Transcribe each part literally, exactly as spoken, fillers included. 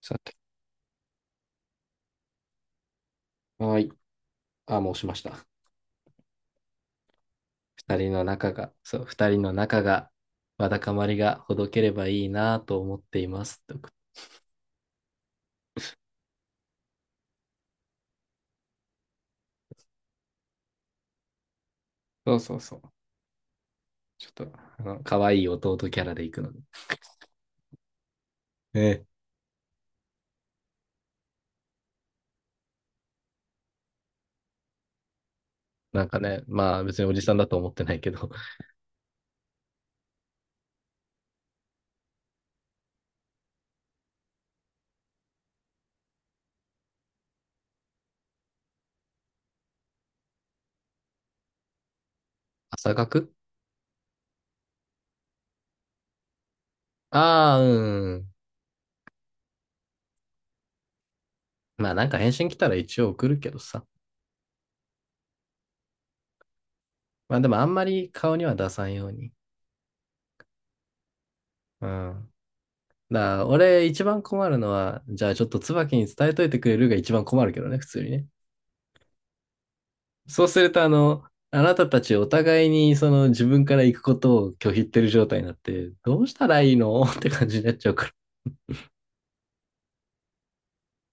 さて、はい。あ、もう押しました。二人の仲が、そう、二人の仲が、わだかまりがほどければいいなと思っています。と、そうそうそう。ちょっと、あの、可愛い弟キャラで行くので。ええ。なんかね、まあ別におじさんだと思ってないけど、朝学、ああ、うん。まあなんか返信来たら一応送るけどさ。まあでもあんまり顔には出さんように。うん。だから俺一番困るのは、じゃあちょっと椿に伝えといてくれるが一番困るけどね、普通にね。そうすると、あの、あなたたちお互いにその自分から行くことを拒否ってる状態になって、どうしたらいいの って感じになっちゃうか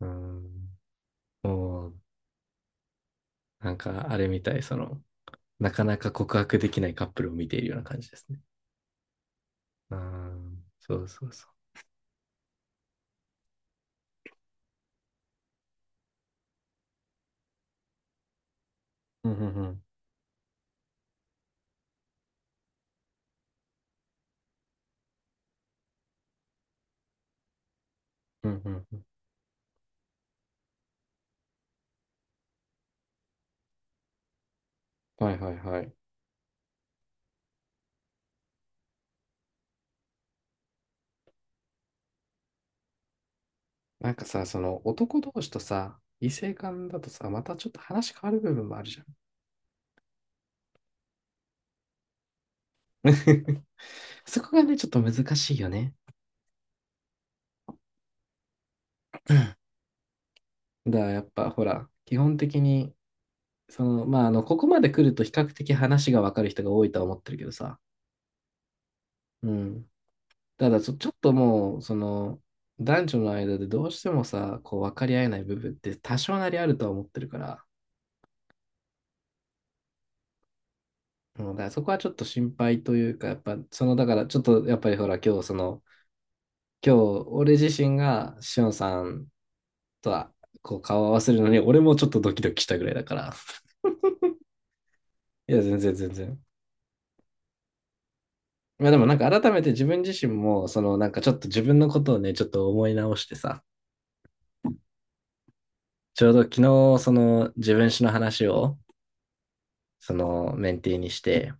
ら。うん。もう、なんかあれみたい、その、なかなか告白できないカップルを見ているような感じですね。うん。そうそうそう。うんうんうん。うんうんうん。はいはいはい。なんかさ、その男同士とさ、異性間だとさ、またちょっと話変わる部分もあるじゃん。そこがね、ちょっと難しいよね。うん、だからやっぱほら、基本的にその、まあ、あの、ここまで来ると比較的話がわかる人が多いとは思ってるけどさ。うん。ただちょ、ちょっともう、その、男女の間でどうしてもさ、こう、分かり合えない部分って多少なりあるとは思ってるから。うん、だからそこはちょっと心配というか、やっぱ、その、だから、ちょっと、やっぱりほら、今日、その、今日、俺自身が、しおんさんとは、こう、顔を合わせるのに、俺もちょっとドキドキしたぐらいだから。いや、全然、全然。まあでもなんか改めて自分自身も、そのなんかちょっと自分のことをね、ちょっと思い直してさ、ちょうど昨日、その自分史の話を、そのメンティーにして、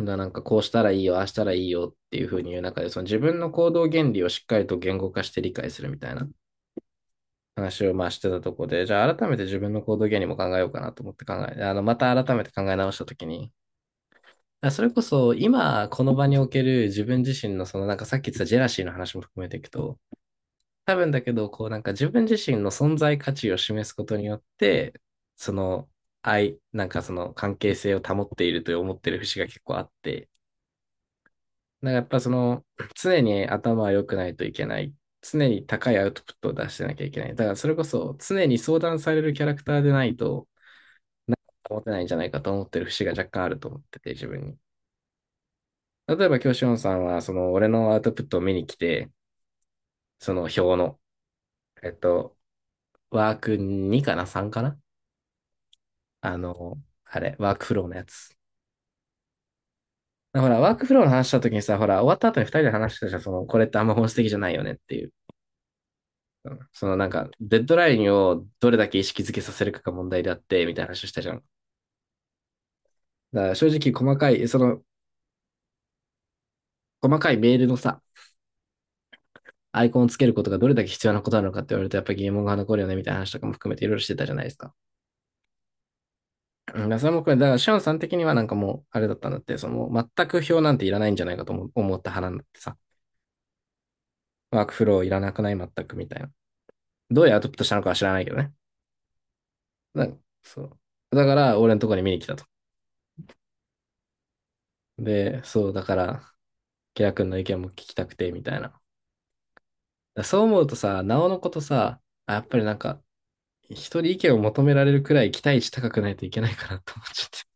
だなんかこうしたらいいよ、ああしたらいいよっていうふうに言う中で、その自分の行動原理をしっかりと言語化して理解するみたいな話をまあしてたとこで、じゃあ改めて自分の行動原理も考えようかなと思って考え、あの、また改めて考え直したときに、あそれこそ今この場における自分自身のそのなんかさっき言ってたジェラシーの話も含めていくと、多分だけど、こうなんか自分自身の存在価値を示すことによって、その愛、なんかその関係性を保っていると思ってる節が結構あって、なんかやっぱその常に頭は良くないといけない。常に高いアウトプットを出してなきゃいけない。だからそれこそ常に相談されるキャラクターでないと持てないんじゃないかと思ってる節が若干あると思ってて自分に。例えば今師ンさんはその俺のアウトプットを見に来て、その表の、えっと、ワークにかな？ さん かな、あの、あれ、ワークフローのやつ。ほら、ワークフローの話した時にさ、ほら、終わった後に二人で話してたじゃん、その、これってあんま本質的じゃないよねっていう。うん、そのなんか、デッドラインをどれだけ意識づけさせるかが問題であって、みたいな話をしたじゃん。だから正直、細かい、その、細かいメールのさ、アイコンをつけることがどれだけ必要なことなのかって言われると、やっぱり疑問が残るよね、みたいな話とかも含めていろいろしてたじゃないですか。うん、だからそれもこれ、だから、シオンさん的にはなんかもう、あれだったんだって、その、全く表なんていらないんじゃないかと思思った派なんだってさ。ワークフローいらなくない全くみたいな。どうやってアドプトしたのかは知らないけどね。なそう。だから、俺のとこに見に来たと。で、そう、だから、ケラ君の意見も聞きたくて、みたいな。だそう思うとさ、なおのことさ、あ、やっぱりなんか、人に意見を求められるくらい期待値高くないといけないかなと思っちゃって。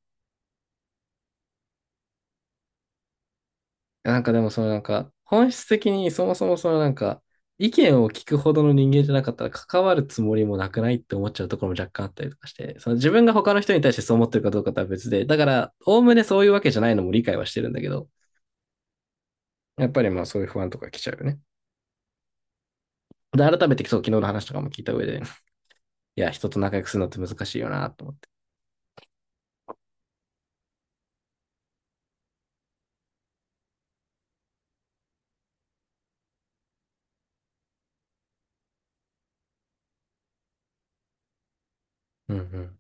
なんかでも、そのなんか、本質的にそもそもそのなんか、意見を聞くほどの人間じゃなかったら関わるつもりもなくないって思っちゃうところも若干あったりとかして、その自分が他の人に対してそう思ってるかどうかとは別で、だから、おおむねそういうわけじゃないのも理解はしてるんだけど、やっぱりまあそういう不安とか来ちゃうよね。で、改めてそう、昨日の話とかも聞いた上で、いや、人と仲良くするのって難しいよなと思って。うんうん。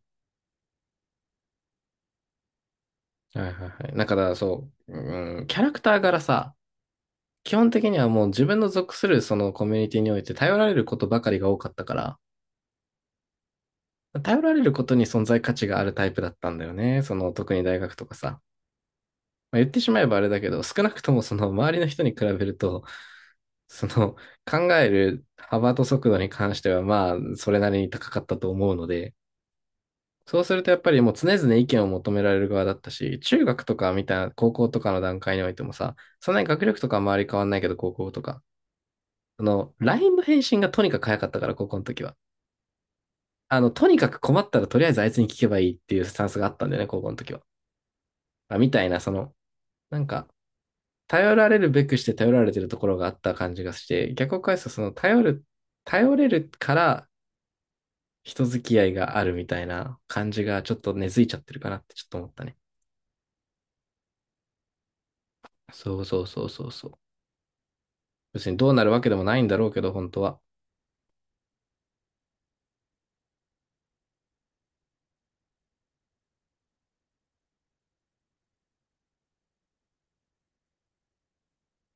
はいはいはい。だからそう、うん、キャラクター柄さ、基本的にはもう自分の属するそのコミュニティにおいて頼られることばかりが多かったから、頼られることに存在価値があるタイプだったんだよね。その特に大学とかさ。まあ、言ってしまえばあれだけど、少なくともその周りの人に比べると、その考える幅と速度に関してはまあそれなりに高かったと思うので、そうするとやっぱりもう常々意見を求められる側だったし、中学とかみたいな高校とかの段階においてもさ、そんなに学力とかは周り変わんないけど高校とか、あの、ラインの返信がとにかく早かったから高校の時は。あの、とにかく困ったらとりあえずあいつに聞けばいいっていうスタンスがあったんだよね、高校の時は。まあ、みたいな、その、なんか、頼られるべくして頼られてるところがあった感じがして、逆を返すとその、頼る、頼れるから人付き合いがあるみたいな感じがちょっと根付いちゃってるかなってちょっと思ったね。そうそうそうそうそう。別にどうなるわけでもないんだろうけど、本当は。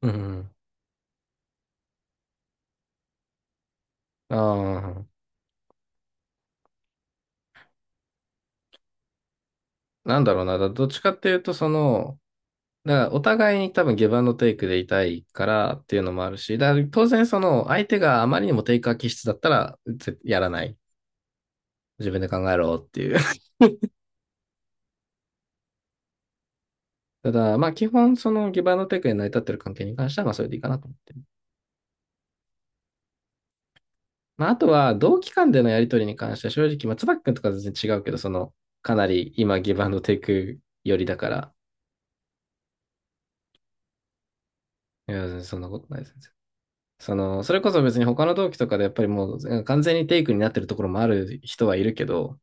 うんうん。ああ、なんだろうな。だどっちかっていうと、その、だからお互いに多分ギブアンドテイクでいたいからっていうのもあるし、だから当然その相手があまりにもテイカー気質だったらぜやらない。自分で考えろっていう。ただ、まあ基本そのギブアンドテイクで成り立ってる関係に関してはまあそれでいいかなと思ってる。まああとは同期間でのやりとりに関しては正直、まあ椿くんとか全然違うけど、そのかなり今ギブアンドテイク寄りだから、いや、全然そんなことないです。その、それこそ別に他の同期とかでやっぱりもう完全にテイクになってるところもある人はいるけど、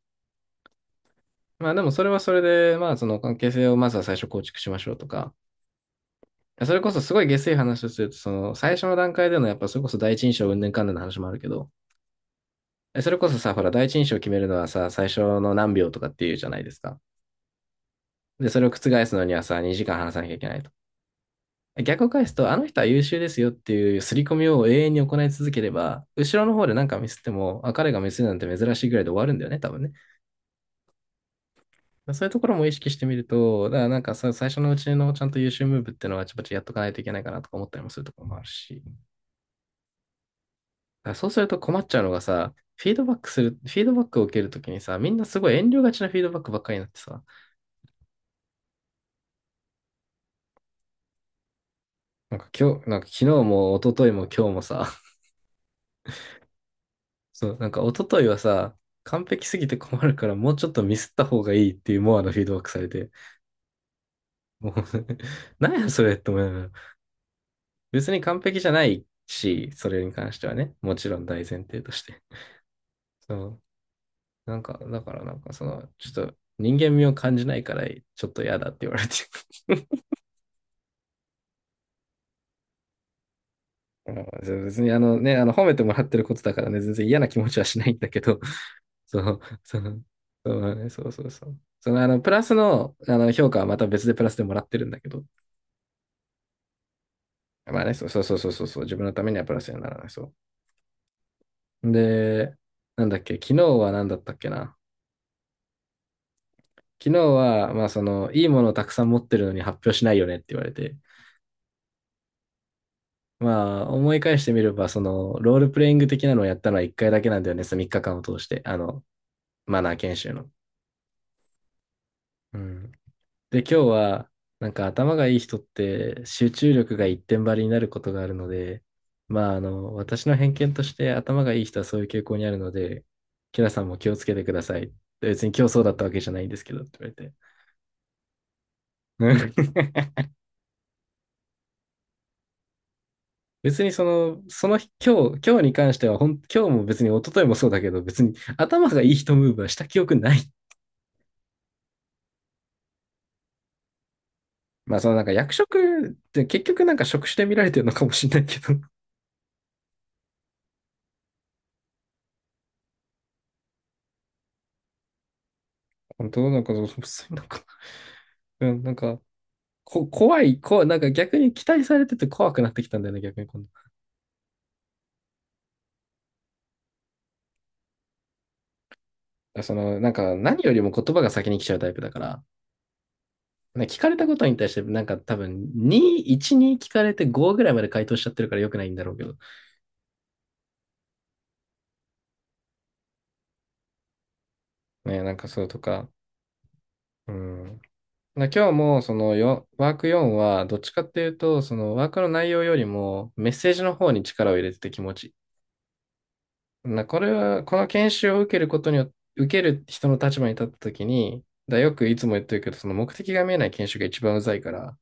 まあでもそれはそれで、まあその関係性をまずは最初構築しましょうとか、それこそすごい下水話をすると、その最初の段階でのやっぱそれこそ第一印象うんかんぬんの話もあるけど、それこそさ、ほら第一印象を決めるのはさ、最初の何秒とかっていうじゃないですか。で、それを覆すのにはさ、にじかん話さなきゃいけないと。逆を返すと、あの人は優秀ですよっていう刷り込みを永遠に行い続ければ、後ろの方で何かミスっても、あ、彼がミスるなんて珍しいぐらいで終わるんだよね、多分ね。そういうところも意識してみると、だからなんかさ、最初のうちのちゃんと優秀ムーブっていうのはちょっとやっとかないといけないかなとか思ったりもするところもあるし。だからそうすると困っちゃうのがさ、フィードバックする、フィードバックを受けるときにさ、みんなすごい遠慮がちなフィードバックばっかりになってさ、なんか今日、なんか昨日も一昨日も今日もさ、そう、なんか一昨日はさ、完璧すぎて困るからもうちょっとミスった方がいいっていうモアのフィードバックされて、もう なんやそれって思いながら、別に完璧じゃないし、それに関してはね、もちろん大前提として。そう、なんか、だからなんかその、ちょっと人間味を感じないから、ちょっと嫌だって言われて。あの別にあのね、あの褒めてもらってることだからね、全然嫌な気持ちはしないんだけど、そう、そう、そうだね、そうそうそう。その、あの、プラスの、あの、評価はまた別でプラスでもらってるんだけど、まあね、そうそうそうそうそうそう、自分のためにはプラスにはならない、そう。で、なんだっけ、昨日は何だったっけな。昨日は、まあ、その、いいものをたくさん持ってるのに発表しないよねって言われて、まあ、思い返してみれば、その、ロールプレイング的なのをやったのはいっかいだけなんだよね、そのみっかかんを通して、あの、マナー研修の。うん。で、今日は、なんか頭がいい人って集中力が一点張りになることがあるので、まあ、あの、私の偏見として頭がいい人はそういう傾向にあるので、キラさんも気をつけてください。別に今日そうだったわけじゃないんですけど、って言われて。うん。 別にその、その日、今日、今日に関してはほん、今日も別に一昨日もそうだけど、別に頭がいい人ムーブはした記憶ない。まあ、そのなんか役職って結局なんか職種で見られてるのかもしれないけど、本当なんか、そうなんか、うん、なんか、こ、怖い、こ、なんか逆に期待されてて怖くなってきたんだよね、逆に今度。その、なんか何よりも言葉が先に来ちゃうタイプだから、ね聞かれたことに対して、なんか多分、に、いち、に聞かれてごぐらいまで回答しちゃってるから良くないんだろうけど。ね、なんかそうとか、うん。な今日も、そのよ、ワークよんは、どっちかっていうと、そのワークの内容よりも、メッセージの方に力を入れてて気持ちな、これは、この研修を受けることによって、受ける人の立場に立ったときに、だ、よくいつも言ってるけど、その目的が見えない研修が一番うざいから、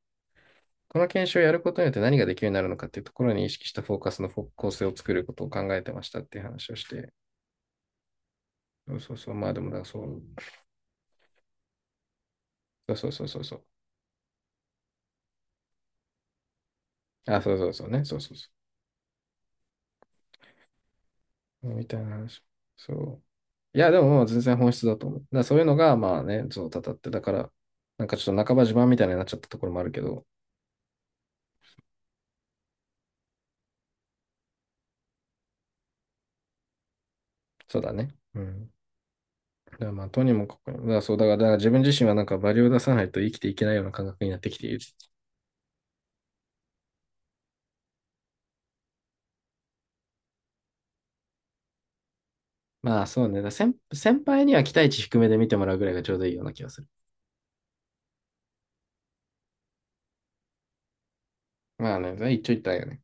この研修をやることによって何ができるようになるのかっていうところに意識したフォーカスの構成を作ることを考えてましたっていう話をして、そうそうそう、まあでもだ、そう、そうそうそうそう、あ、そうそうそうね、そうそうそう、みたいな話。そう。いや、でももう全然本質だと思う。だからそういうのが、まあね、そう、たたって、だから、なんかちょっと半ば自慢みたいになっちゃったところもあるけど、そうだね。うん。だからまあ、とにもかくにも、だからそう、だから、だから自分自身はなんかバリを出さないと生きていけないような感覚になってきている。まあそうね、だから先、先輩には期待値低めで見てもらうぐらいがちょうどいいような気がする。まあね、一長一短よね。